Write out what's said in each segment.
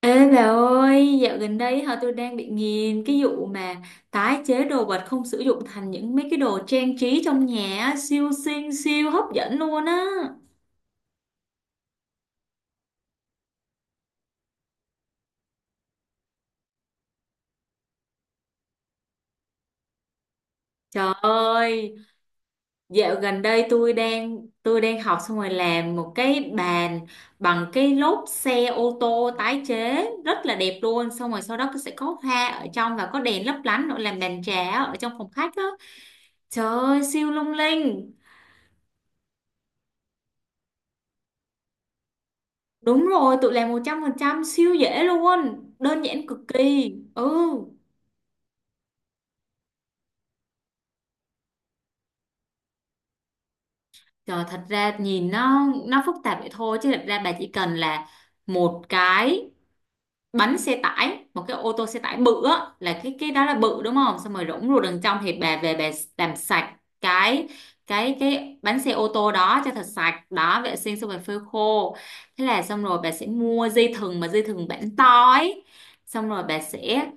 Ê bà ơi, dạo gần đây tôi đang bị nghiền cái vụ mà tái chế đồ vật không sử dụng thành những mấy cái đồ trang trí trong nhà á, siêu xinh siêu hấp dẫn luôn á. Trời ơi, dạo gần đây tôi đang học xong rồi làm một cái bàn bằng cái lốp xe ô tô tái chế rất là đẹp luôn, xong rồi sau đó sẽ có hoa ở trong và có đèn lấp lánh nữa, làm bàn trà ở trong phòng khách đó. Trời ơi, siêu lung linh. Đúng rồi, tự làm 100% siêu dễ luôn, đơn giản cực kỳ. Ừ. Trời, thật ra nhìn nó phức tạp vậy thôi, chứ thật ra bà chỉ cần là một cái bánh xe tải, một cái ô tô xe tải bự á, là cái đó là bự đúng không, xong rồi rỗng ruột đằng trong thì bà về bà làm sạch cái bánh xe ô tô đó cho thật sạch, đó, vệ sinh xong rồi phơi khô. Thế là xong rồi bà sẽ mua dây thừng, mà dây thừng bản to ấy, xong rồi bà sẽ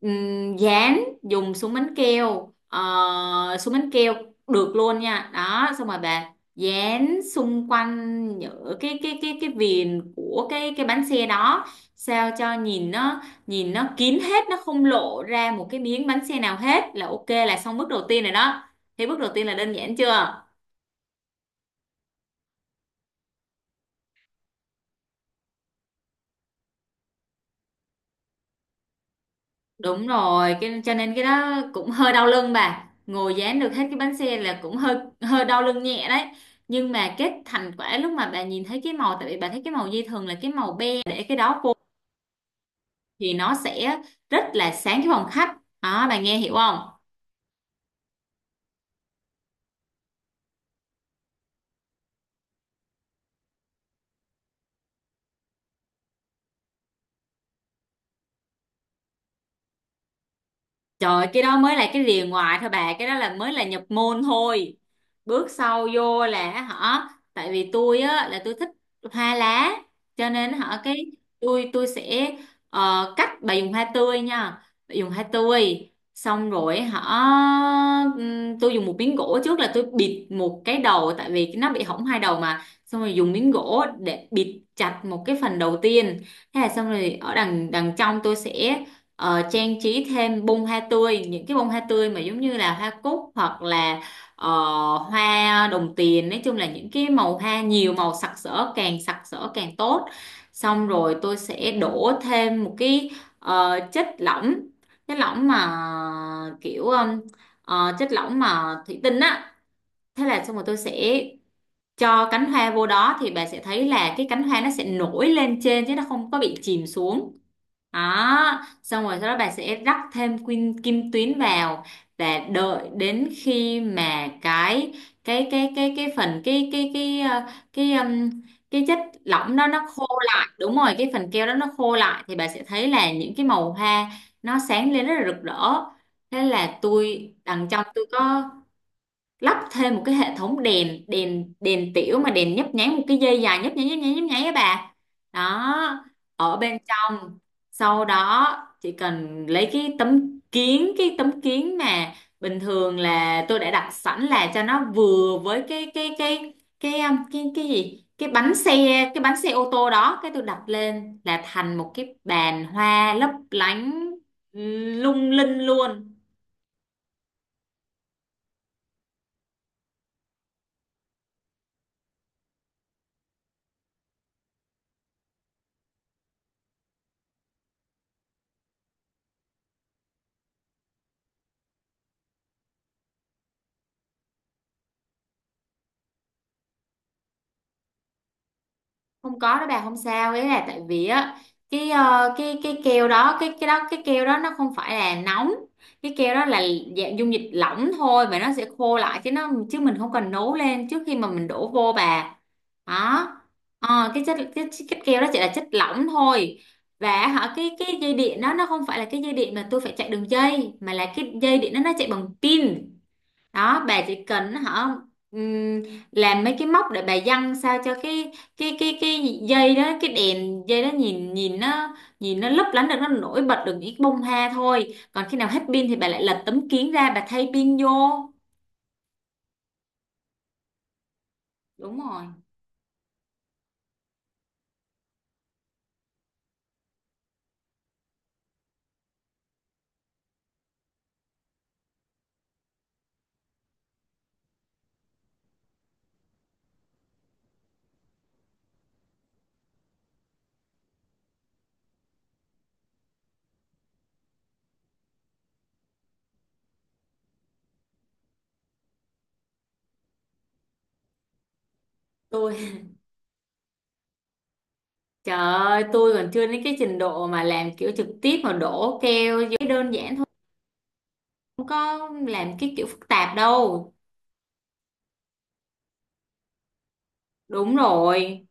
dán, dùng súng bắn keo, súng bắn keo được luôn nha, đó, xong rồi bà dán xung quanh những cái viền của cái bánh xe đó, sao cho nhìn nó kín hết, nó không lộ ra một cái miếng bánh xe nào hết là ok, là xong bước đầu tiên rồi đó. Thế bước đầu tiên là đơn giản chưa? Cho nên cái đó cũng hơi đau lưng, bà ngồi dán được hết cái bánh xe là cũng hơi hơi đau lưng nhẹ đấy. Nhưng mà cái thành quả, lúc mà bà nhìn thấy cái màu, tại vì bà thấy cái màu dây thường là cái màu be, để cái đó vô thì nó sẽ rất là sáng cái phòng khách đó, bà nghe hiểu không? Trời ơi, cái đó mới là cái rìa ngoài thôi bà, cái đó là mới là nhập môn thôi. Bước sau vô là tại vì tôi á là tôi thích hoa lá, cho nên hả cái tôi sẽ, ờ, cắt bà dùng hoa tươi nha. Bà dùng hoa tươi xong rồi, hả tôi dùng một miếng gỗ trước, là tôi bịt một cái đầu, tại vì nó bị hỏng hai đầu mà. Xong rồi dùng miếng gỗ để bịt chặt một cái phần đầu tiên. Thế là xong rồi, ở đằng đằng trong tôi sẽ, trang trí thêm bông hoa tươi, những cái bông hoa tươi mà giống như là hoa cúc, hoặc là ờ, hoa đồng tiền, nói chung là những cái màu hoa nhiều màu sặc sỡ, càng sặc sỡ càng tốt. Xong rồi tôi sẽ đổ thêm một cái chất lỏng, chất lỏng mà kiểu um, chất lỏng mà thủy tinh á. Thế là xong rồi tôi sẽ cho cánh hoa vô đó, thì bà sẽ thấy là cái cánh hoa nó sẽ nổi lên trên chứ nó không có bị chìm xuống, đó, xong rồi sau đó bà sẽ rắc thêm kim tuyến vào, và đợi đến khi mà cái ờ, cái um, cái chất lỏng đó nó khô lại, đúng rồi, cái phần keo đó nó khô lại, thì bà sẽ thấy là những cái màu hoa nó sáng lên rất là rực rỡ. Thế là tôi, đằng trong tôi có lắp thêm một cái hệ thống đèn đèn đèn tiểu mà, đèn nhấp nháy, một cái dây dài nhấp nháy nhấp nháy nhấp nháy á bà, đó, ở bên trong. Sau đó chỉ cần lấy cái tấm kiến mà bình thường là tôi đã đặt sẵn, là cho nó vừa với cái um, cái cái gì cái bánh xe cái bánh xe ô tô đó, cái tôi đặt lên là thành một cái bàn hoa lấp lánh lung linh luôn. Không có đó bà, không sao ấy, là tại vì á cái ờ, cái keo đó cái đó cái keo đó nó không phải là nóng, cái keo đó là dạng dung dịch lỏng thôi, mà nó sẽ khô lại, chứ mình không cần nấu lên trước khi mà mình đổ vô bà, đó. Ờ, cái keo đó chỉ là chất lỏng thôi, và hả cái dây điện đó nó không phải là cái dây điện mà tôi phải chạy đường dây, mà là cái dây điện đó nó chạy bằng pin. Đó, bà chỉ cần hả ừm, làm mấy cái móc để bà giăng, sao cho cái đèn dây đó nhìn nhìn nó lấp lánh được, nó nổi bật được những bông hoa thôi, còn khi nào hết pin thì bà lại lật tấm kiến ra, bà thay pin vô. Đúng rồi. tôi Trời ơi, tôi còn chưa đến cái trình độ mà làm kiểu trực tiếp mà đổ keo vô. Đơn giản thôi, không có làm cái kiểu phức tạp đâu. Đúng rồi,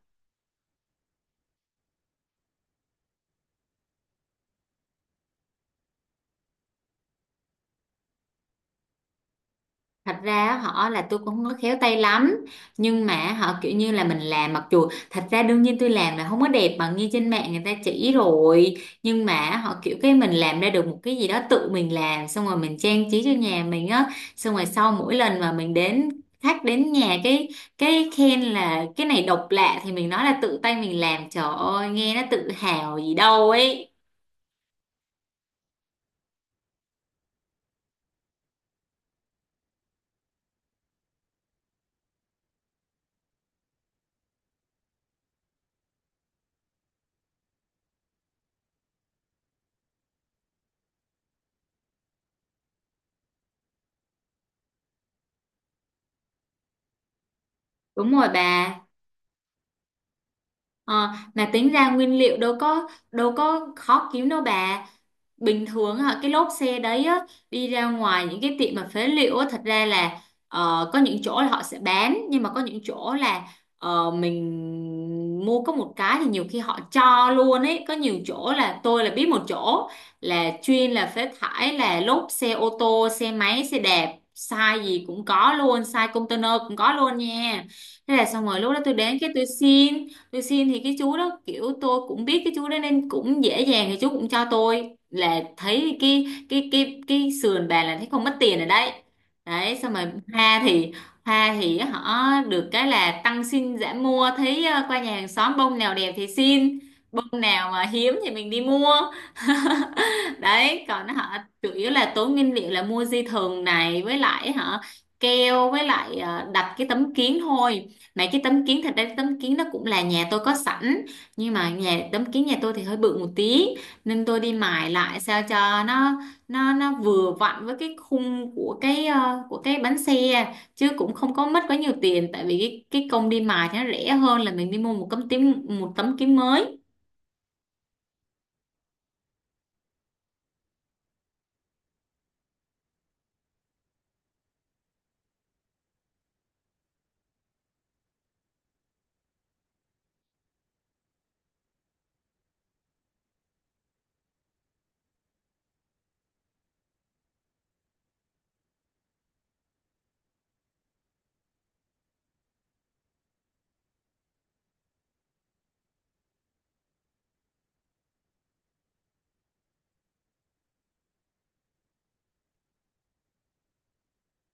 thật ra á, họ là tôi cũng không có khéo tay lắm, nhưng mà họ kiểu như là mình làm, mặc dù thật ra đương nhiên tôi làm là không có đẹp bằng như trên mạng người ta chỉ rồi, nhưng mà họ kiểu cái mình làm ra được một cái gì đó tự mình làm, xong rồi mình trang trí cho nhà mình á, xong rồi sau mỗi lần mà mình đến khách đến nhà cái khen là cái này độc lạ, thì mình nói là tự tay mình làm, trời ơi nghe nó tự hào gì đâu ấy. Đúng rồi bà. Ờ, mà tính ra nguyên liệu đâu có, đâu có khó kiếm đâu bà, bình thường á, cái lốp xe đấy á, đi ra ngoài những cái tiệm mà phế liệu á, thật ra là có những chỗ là họ sẽ bán, nhưng mà có những chỗ là mình mua có một cái thì nhiều khi họ cho luôn ấy, có nhiều chỗ là tôi là biết một chỗ là chuyên là phế thải, là lốp xe ô tô, xe máy, xe đạp, size gì cũng có luôn, size container cũng có luôn nha. Thế là xong rồi lúc đó tôi đến cái tôi xin thì cái chú đó kiểu tôi cũng biết cái chú đó nên cũng dễ dàng, thì chú cũng cho tôi, là thấy cái sườn bà, là thấy không mất tiền rồi đấy. Đấy, xong rồi hoa thì hoa thì họ được cái là tăng xin giảm mua, thấy qua nhà hàng xóm bông nào đẹp thì xin, bông nào mà hiếm thì mình đi mua. Đấy, còn họ chủ yếu là tốn nguyên liệu là mua dây thừng này, với lại keo, với lại đặt cái tấm kiến thôi. Mấy cái tấm kiến, thật ra cái tấm kiến nó cũng là nhà tôi có sẵn, nhưng mà nhà tấm kiến nhà tôi thì hơi bự một tí, nên tôi đi mài lại sao cho nó, nó vừa vặn với cái khung của của cái bánh xe, chứ cũng không có mất quá nhiều tiền, tại vì cái công đi mài thì nó rẻ hơn là mình đi mua một tấm kiến mới.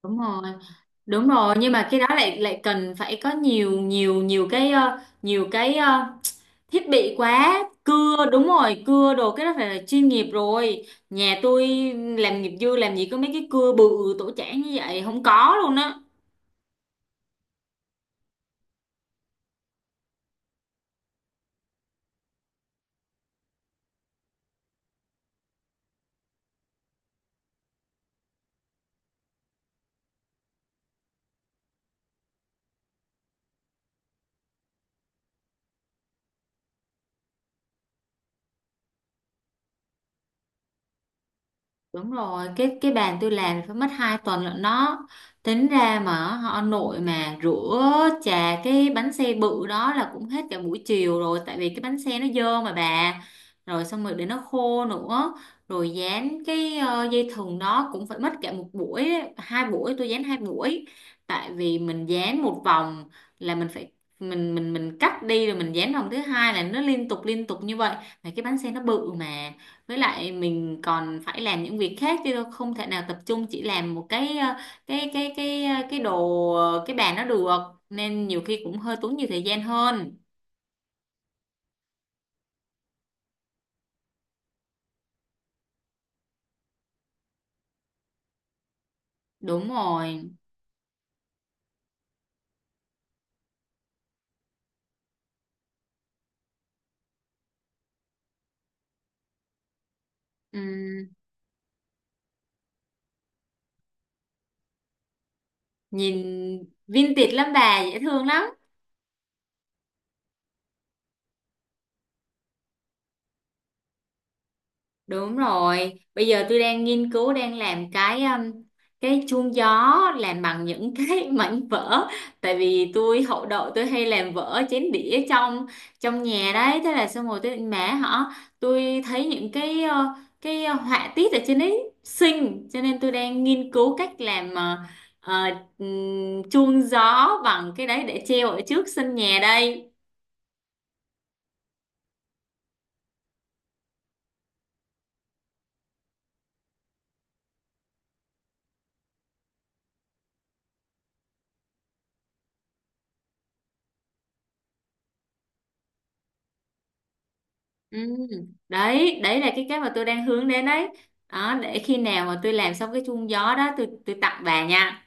Đúng rồi, đúng rồi, nhưng mà cái đó lại lại cần phải có nhiều nhiều nhiều cái ờ, thiết bị quá, cưa, đúng rồi, cưa đồ, cái đó phải là chuyên nghiệp rồi, nhà tôi làm nghiệp dư làm gì có mấy cái cưa bự tổ chảng như vậy, không có luôn á. Đúng rồi, cái bàn tôi làm phải mất 2 tuần lận đó. Tính ra mà họ, nội mà rửa chà cái bánh xe bự đó là cũng hết cả buổi chiều rồi, tại vì cái bánh xe nó dơ mà bà. Rồi xong rồi để nó khô nữa, rồi dán cái dây thừng đó cũng phải mất cả một buổi, đấy, hai buổi, tôi dán hai buổi. Tại vì mình dán một vòng là mình phải, mình cắt đi rồi mình dán vòng thứ hai, là nó liên tục như vậy, mà cái bánh xe nó bự mà, với lại mình còn phải làm những việc khác chứ đâu, không thể nào tập trung chỉ làm một cái bàn nó được, nên nhiều khi cũng hơi tốn nhiều thời gian hơn. Đúng rồi. Ừm, Nhìn vintage lắm bà, dễ thương lắm. Đúng rồi, bây giờ tôi đang nghiên cứu đang làm cái chuông gió làm bằng những cái mảnh vỡ, tại vì tôi hậu đậu, tôi hay làm vỡ chén đĩa trong trong nhà đấy, thế là xong rồi tôi định mẹ họ tôi thấy những cái cái họa tiết ở trên đấy xinh, cho nên tôi đang nghiên cứu cách làm ờ, chuông gió bằng cái đấy để treo ở trước sân nhà đây. Ừ. Đấy, đấy là cái mà tôi đang hướng đến đấy. Đó, để khi nào mà tôi làm xong cái chuông gió đó, tôi tặng bà nha.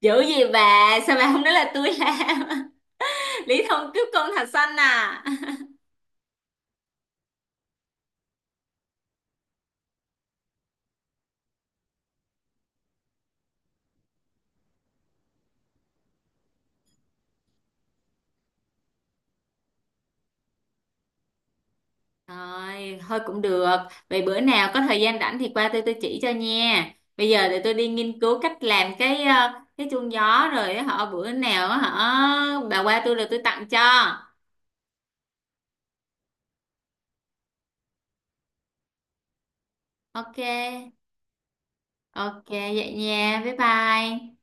Dữ gì bà, sao bà không nói là tôi làm? Lý thông cướp công thạch xanh à. Rồi, thôi cũng được. Vậy bữa nào có thời gian rảnh thì qua tôi chỉ cho nha. Bây giờ để tôi đi nghiên cứu cách làm cái cái chuông gió rồi, họ bữa nào họ bà qua tôi rồi tôi tặng cho. Ok. Ok vậy nha. Bye bye.